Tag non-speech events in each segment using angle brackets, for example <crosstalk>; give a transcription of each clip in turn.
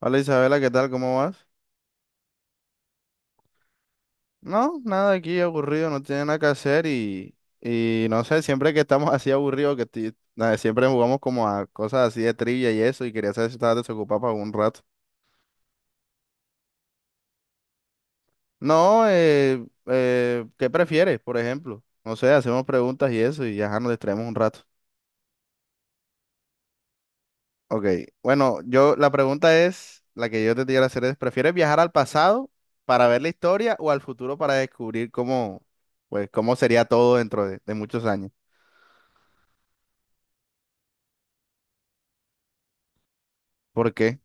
Hola Isabela, ¿qué tal? ¿Cómo vas? No, nada aquí aburrido, no tiene nada que hacer y no sé, siempre que estamos <laughs> así aburridos, nada, siempre jugamos como a cosas así de trivia y eso y quería saber si estabas desocupado para un rato. No, ¿qué prefieres, por ejemplo? No sé, hacemos preguntas y eso y ya nos distraemos un rato. Ok, bueno, yo la pregunta es, la que yo te quiero hacer es, ¿prefieres viajar al pasado para ver la historia o al futuro para descubrir cómo, pues, cómo sería todo dentro de muchos años? ¿Por qué?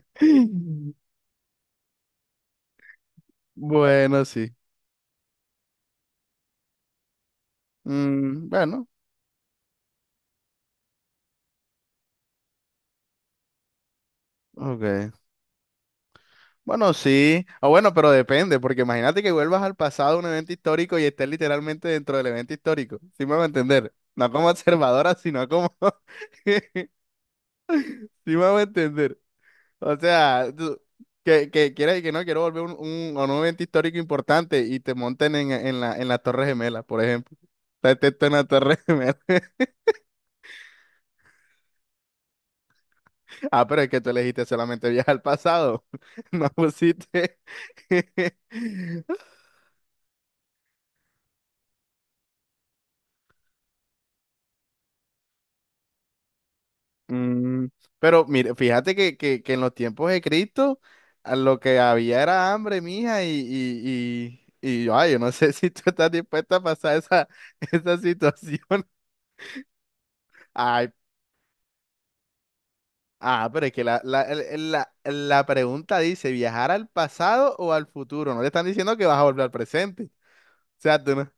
<laughs> Bueno, sí. Mm, bueno, ok. Bueno, sí. O bueno, pero depende, porque imagínate que vuelvas al pasado a un evento histórico y estés literalmente dentro del evento histórico. Sí me va a entender. No como observadora, sino como... <laughs> Sí me va a entender. O sea, que, quieras y que no, quiero volver a un evento histórico importante y te monten en la Torre Gemela, por ejemplo. Te en la Torre Gemela. <laughs> Ah, pero es que tú elegiste solamente viajar al pasado. <laughs> No pusiste... <laughs> Mm, pero mire, fíjate que en los tiempos de Cristo a lo que había era hambre, mija, ay, yo no sé <laughs> si tú estás dispuesta a pasar esa situación. <laughs> Ay, ah, pero es que la, el- la pregunta dice, ¿viajar al pasado o al futuro? No le están diciendo que vas a volver al presente. O sea, tú no-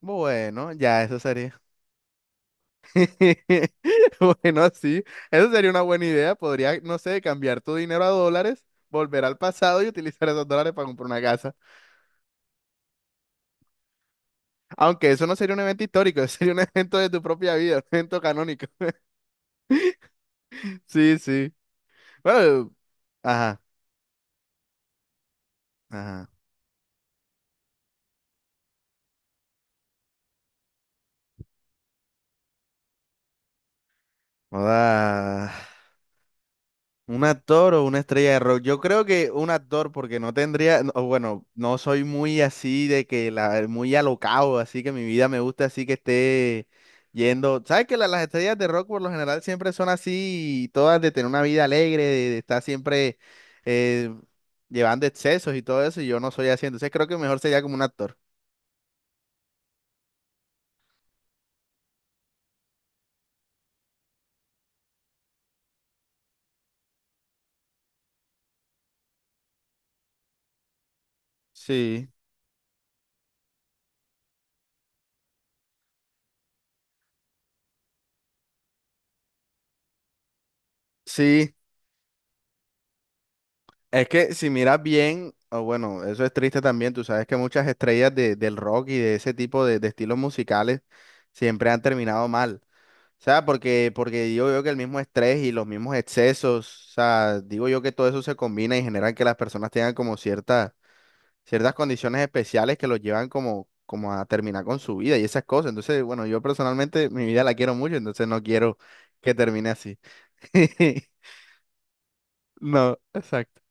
bueno, ya eso sería. <laughs> Bueno, sí, eso sería una buena idea. Podría, no sé, cambiar tu dinero a dólares, volver al pasado y utilizar esos dólares para comprar una casa. Aunque eso no sería un evento histórico, <laughs> eso sería un evento de tu propia vida, un evento canónico. <laughs> Sí, sí. Bueno, ajá, ajá. Joda. ¿Un actor o una estrella de rock? Yo creo que un actor, porque no tendría, o bueno, no soy muy así de que la, muy alocado, así que mi vida me gusta así que esté yendo. ¿Sabes que las estrellas de rock por lo general siempre son así, todas de tener una vida alegre, de estar siempre eh, llevando excesos y todo eso, y yo no soy así, entonces creo que mejor sería como un actor. Sí. Sí. Es que si miras bien, o bueno, eso es triste también, tú sabes que muchas estrellas de- del rock y de ese tipo de estilos musicales siempre han terminado mal. O sea, porque yo veo que el mismo estrés y los mismos excesos, o sea, digo yo que todo eso se combina y generan que las personas tengan como ciertas condiciones especiales que los llevan como, como a terminar con su vida y esas cosas. Entonces, bueno, yo personalmente mi vida la quiero mucho, entonces no quiero que termine así. <laughs> No, exacto.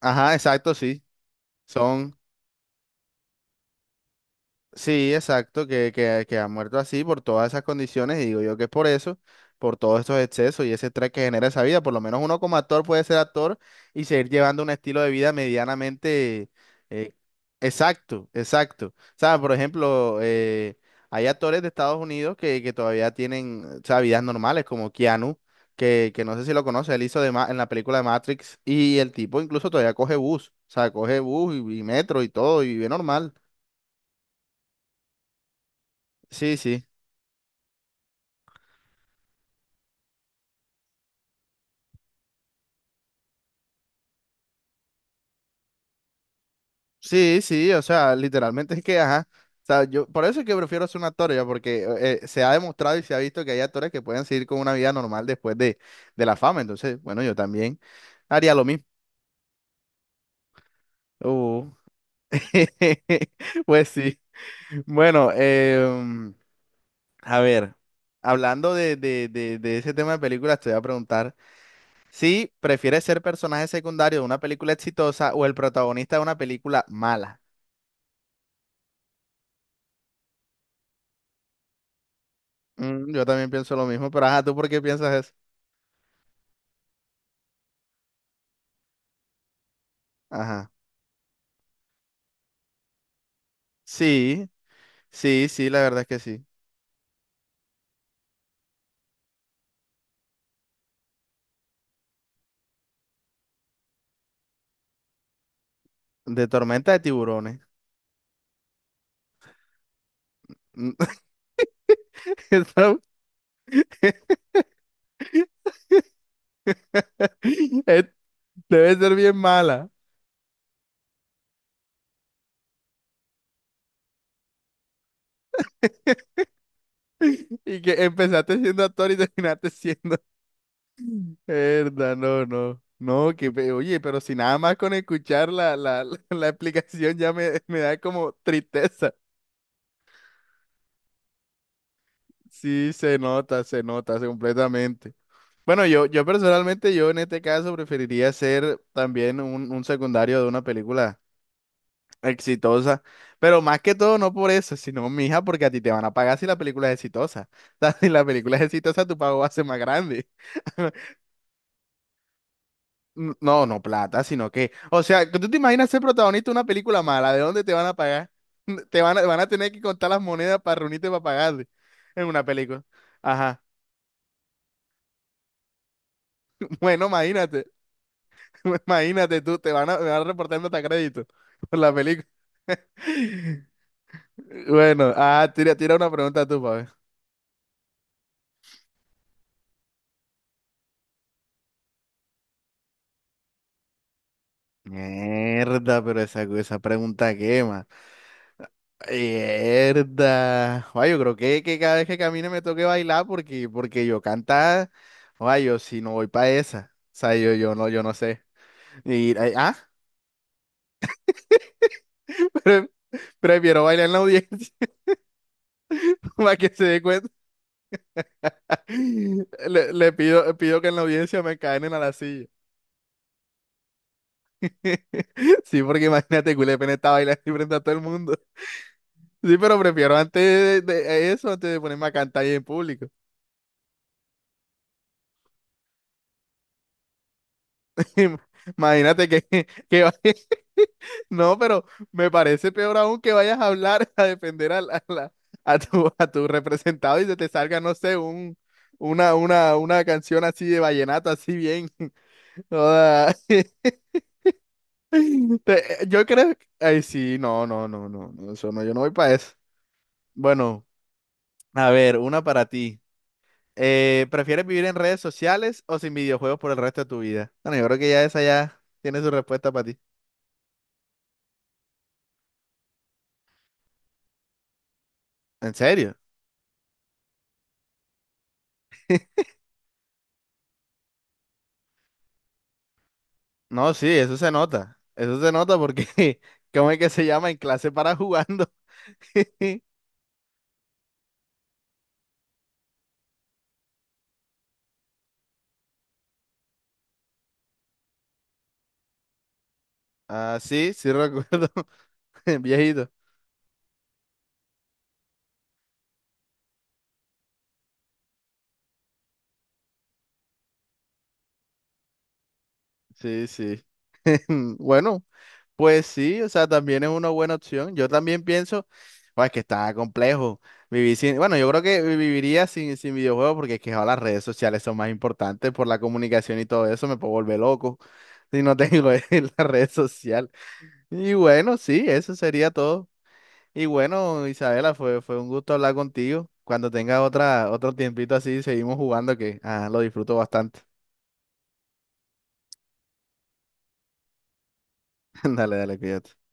Ajá, exacto, sí. Son... Sí, exacto, que ha muerto así por todas esas condiciones y digo yo que es por eso, por todos estos excesos y ese estrés que genera esa vida, por lo menos uno como actor puede ser actor y seguir llevando un estilo de vida medianamente eh, exacto, exacto. O sea, por ejemplo, hay actores de Estados Unidos que todavía tienen, o sea, vidas normales como Keanu, que no sé si lo conoce, él hizo de en la película de Matrix y el tipo incluso todavía coge bus, o sea, coge bus y metro y todo y vive normal. Sí, sí. Sí, sí, o sea, literalmente es que, ajá, o sea, yo, por eso es que prefiero ser un actor ya, porque se ha demostrado y se ha visto que hay actores que pueden seguir con una vida normal después de la fama, entonces, bueno, yo también haría lo mismo. Uh, <laughs> Pues sí, bueno, a ver, hablando de ese tema de películas, te voy a preguntar si prefieres ser personaje secundario de una película exitosa o el protagonista de una película mala. Mm, yo también pienso lo mismo, pero ajá, ¿tú por qué piensas eso? Ajá. Sí, sí, sí, la verdad es que sí. De tormenta de tiburones. <laughs> Esa- <laughs> es- Debe ser bien mala. Y que empezaste siendo actor y terminaste siendo. <laughs> Verdad, no, no. No, que pe- oye, pero si nada más con escuchar <laughs> la explicación ya me da como tristeza. Sí, se nota, se nota, se completamente. Bueno, yo personalmente, yo en este caso preferiría ser también un secundario de una película exitosa. Pero más que todo, no por eso, sino, mija, porque a ti te van a pagar si la película es exitosa. <laughs> O sea, si la película es exitosa, tu pago va a ser más grande. <laughs> No, no plata, sino que. O sea, ¿tú te imaginas ser protagonista de una película mala? ¿De dónde te van a pagar? <laughs> Te van a, van a tener que contar las monedas para reunirte para pagarle en una película. Ajá. Bueno, imagínate. <laughs> Imagínate tú, te van a reportar hasta crédito por la película. <laughs> Bueno, ah, tira una pregunta tú, pa' ver. Mierda, pero esa pregunta quema. Mierda. Guay, yo creo que cada vez que camine me toque bailar porque yo cantar. Guay, yo si no voy para esa. O sea, yo no sé. Y, ay, ah, <laughs> pre- prefiero bailar en la audiencia <laughs> para que se dé cuenta. Le pido, pido que en la audiencia me caen a la silla. <laughs> Sí, porque imagínate, culé, Culepen está bailando ahí frente a todo el mundo. Sí, pero prefiero antes de eso, antes de ponerme a cantar ahí en público. <laughs> Imagínate que, que vaya- <laughs> No, pero me parece peor aún que vayas a hablar <laughs> a defender a tu, <laughs> a tu representado y se te salga, no sé, una canción así de vallenato, así bien. <laughs> toda- <laughs> Yo creo que... Ay, sí, no, no, no, no, no, eso no, yo no voy para eso. Bueno, a ver, una para ti. ¿Prefieres vivir en redes sociales o sin videojuegos por el resto de tu vida? Bueno, yo creo que ya esa ya tiene su respuesta para ti. ¿En serio? No, sí, eso se nota. Eso se nota porque, <laughs> ¿cómo es que se llama? En clase para jugando. <laughs> Ah, sí, sí recuerdo. <laughs> Viejito. Sí, sí. <laughs> Bueno, pues sí, o sea, también es una buena opción. Yo también pienso, "Buah, es que está complejo vivir sin, bueno, yo creo que viviría sin, sin videojuegos porque es que ahora las redes sociales son más importantes por la comunicación y todo eso, me puedo volver loco <laughs> si no tengo <laughs> la red social. Y bueno, sí, eso sería todo. Y bueno, Isabela, fue un gusto hablar contigo. Cuando tengas otra, otro tiempito así, seguimos jugando que ah, lo disfruto bastante. <laughs> Dale, dale, cuídate.